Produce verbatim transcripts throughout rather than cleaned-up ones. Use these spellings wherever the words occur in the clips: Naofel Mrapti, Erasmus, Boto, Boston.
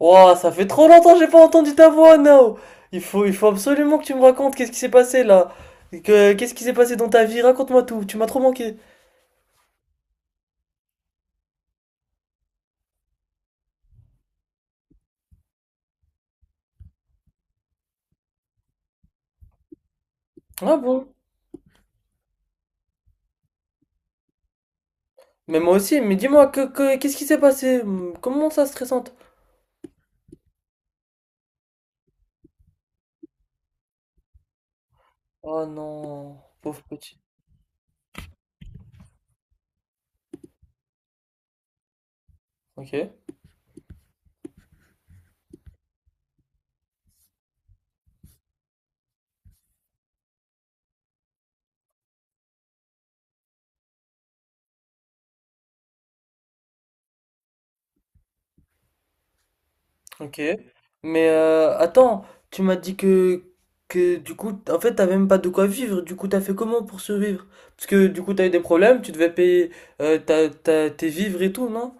Wow, ça fait trop longtemps que j'ai pas entendu ta voix, Nao. Il faut, il faut absolument que tu me racontes qu'est-ce qui s'est passé là. Que- Qu'est-ce qui s'est passé dans ta vie? Raconte-moi tout, tu m'as trop manqué. Ah bon? Mais moi aussi, mais dis-moi, que, que- qu'est-ce qui s'est passé? Hum, Comment ça, stressante? Oh non, pauvre petit. Ok, ok. Mais euh, attends, tu m'as dit que, que du coup, en fait, t'avais même pas de quoi vivre. Du coup, t'as fait comment pour survivre? Parce que du coup, t'as eu des problèmes, tu devais payer euh, ta, ta- tes vivres et tout, non?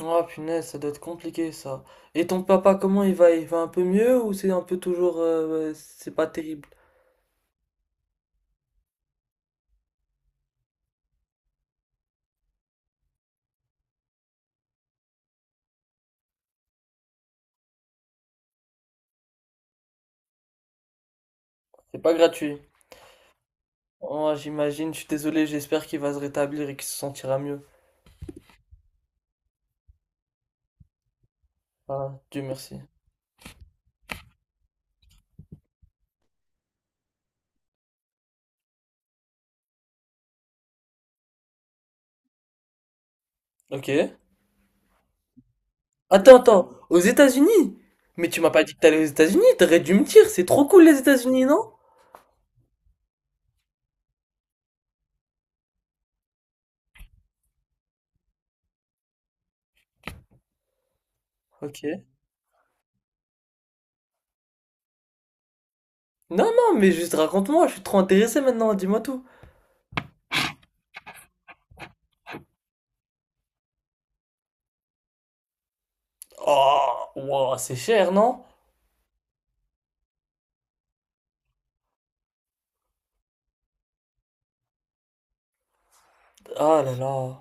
Oh punaise, ça doit être compliqué ça. Et ton papa, comment il va? Il va un peu mieux ou c'est un peu toujours... euh, ouais, c'est pas terrible? C'est pas gratuit. Oh, j'imagine, je suis désolé, j'espère qu'il va se rétablir et qu'il se sentira mieux. Ah, Dieu merci. Ok. Attends, attends, aux États-Unis? Mais tu m'as pas dit que t'allais aux États-Unis, t'aurais dû me dire, c'est trop cool les États-Unis, non? Ok. Non, non, mais juste raconte-moi, je suis trop intéressé maintenant, dis-moi tout. Oh, wow, c'est cher, non? Ah là là.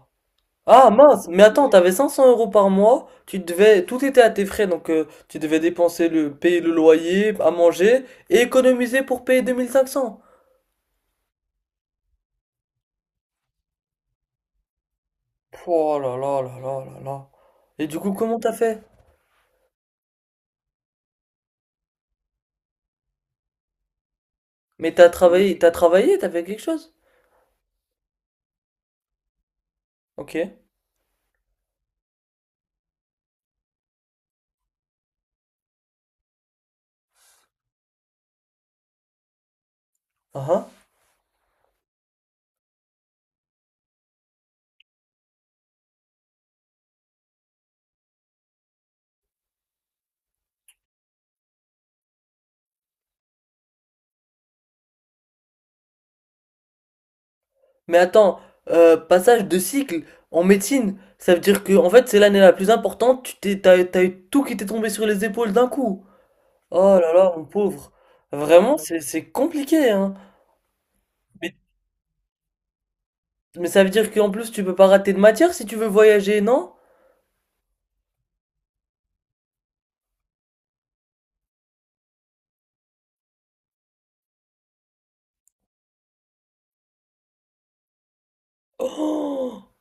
Ah mince, mais attends, t'avais cinq cents euros par mois, tu devais, tout était à tes frais, donc euh, tu devais dépenser le, payer le loyer, à manger, et économiser pour payer deux mille cinq cents. Pff, oh là là là là là là. Et du coup, comment t'as fait? Mais t'as travaillé, t'as travaillé, t'as fait quelque chose? Ok. Ah ah. Mais attends, euh, passage de cycle en médecine, ça veut dire que, en fait, c'est l'année la plus importante, tu t'es, t'as, t'as eu tout qui t'est tombé sur les épaules d'un coup. Oh là là, mon pauvre. Vraiment, c'est, c'est compliqué, hein. Mais ça veut dire qu'en plus, tu peux pas rater de matière si tu veux voyager, non? Oh,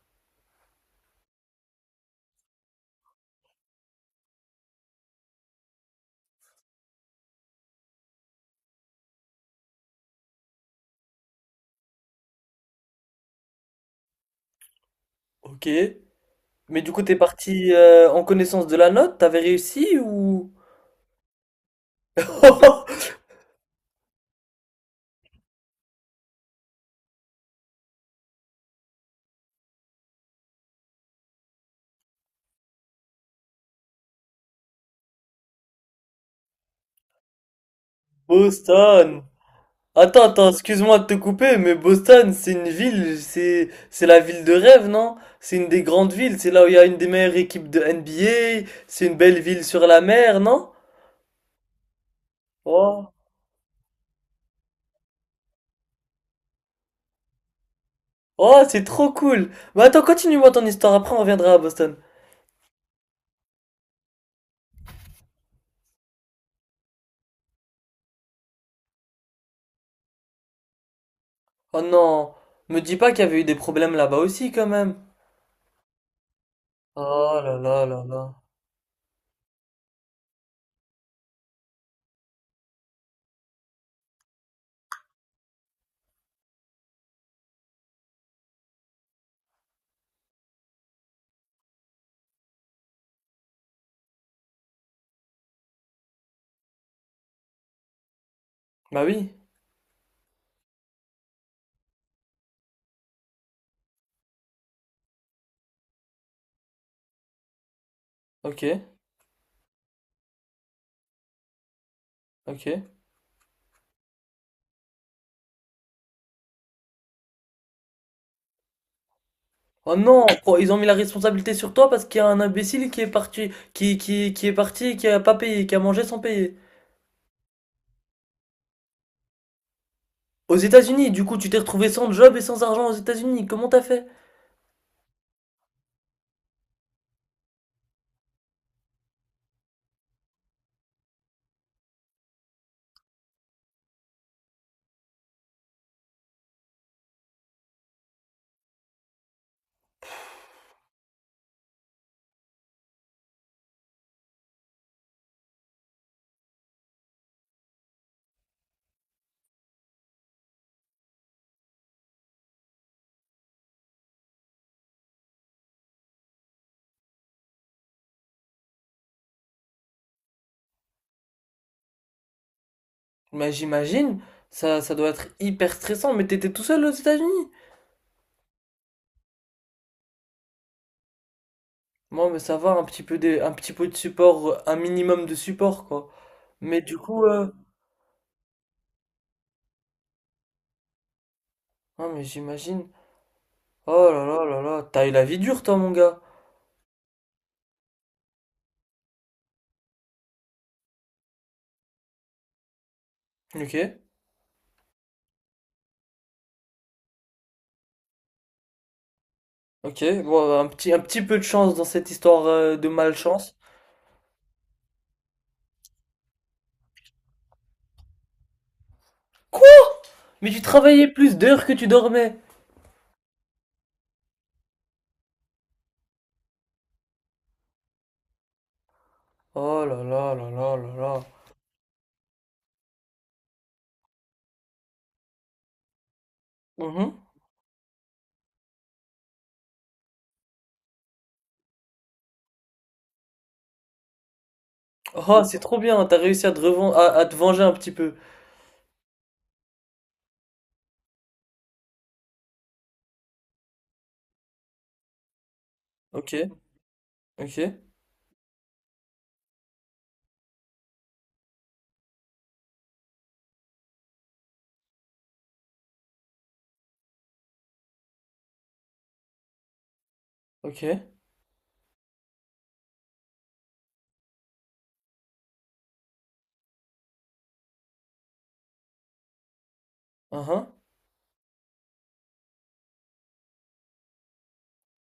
ok. Mais du coup, t'es parti euh, en connaissance de la note, t'avais réussi ou... Boston! Attends, attends, excuse-moi de te couper, mais Boston, c'est une ville, c'est c'est la ville de rêve, non? C'est une des grandes villes, c'est là où il y a une des meilleures équipes de N B A, c'est une belle ville sur la mer, non? Oh, oh, c'est trop cool! Bah attends, continue-moi ton histoire, après on reviendra à Boston. Oh non, me dis pas qu'il y avait eu des problèmes là-bas aussi quand même. Oh là là là là. Bah oui, ok, ok. Oh non, oh, ils ont mis la responsabilité sur toi parce qu'il y a un imbécile qui est parti, qui, qui, qui est parti et qui a pas payé, qui a mangé sans payer. Aux États-Unis, du coup, tu t'es retrouvé sans job et sans argent aux États-Unis. Comment t'as fait? Mais j'imagine, ça, ça doit être hyper stressant, mais t'étais tout seul aux États-Unis. Moi, mais ça va, un petit peu de, un petit peu de support, euh, un minimum de support, quoi. Mais du coup, euh, non, mais j'imagine. Oh là là là là, t'as eu la vie dure toi mon gars. Ok, ok, bon un petit, un petit peu de chance dans cette histoire euh, de malchance. Quoi? Mais tu travaillais plus d'heures que tu dormais. Oh là là là là là là. Mhm. Oh, c'est trop bien, t'as réussi à te reven- à, à te venger un petit peu. Ok, ok, ok. Uhum.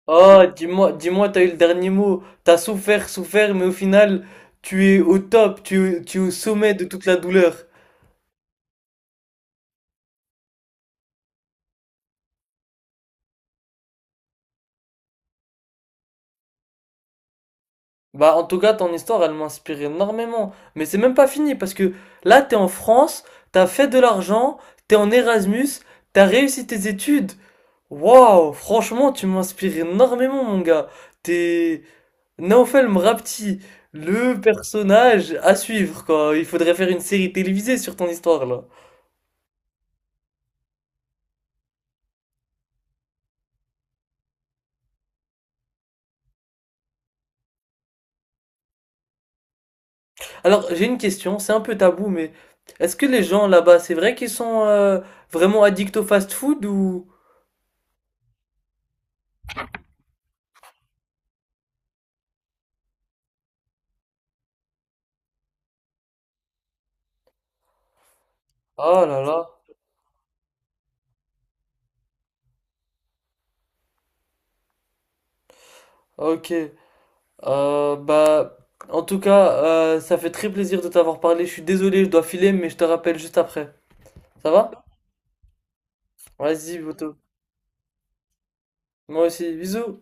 Oh, dis-moi, dis-moi, t'as eu le dernier mot. T'as souffert, souffert, mais au final, tu es au top, tu, es- tu es au sommet de toute la douleur. Bah, en tout cas, ton histoire, elle m'inspire énormément. Mais c'est même pas fini parce que là, t'es en France, t'as fait de l'argent, t'es en Erasmus, t'as réussi tes études. Waouh, franchement, tu m'inspires énormément, mon gars. T'es Naofel Mrapti, le personnage à suivre, quoi. Il faudrait faire une série télévisée sur ton histoire, là. Alors, j'ai une question, c'est un peu tabou, mais est-ce que les gens là-bas, c'est vrai qu'ils sont euh, vraiment addicts au fast-food ou... Oh là là, ok. Euh, bah, En tout cas, euh, ça fait très plaisir de t'avoir parlé. Je suis désolé, je dois filer, mais je te rappelle juste après. Ça va? Vas-y, Boto. Moi aussi, bisous.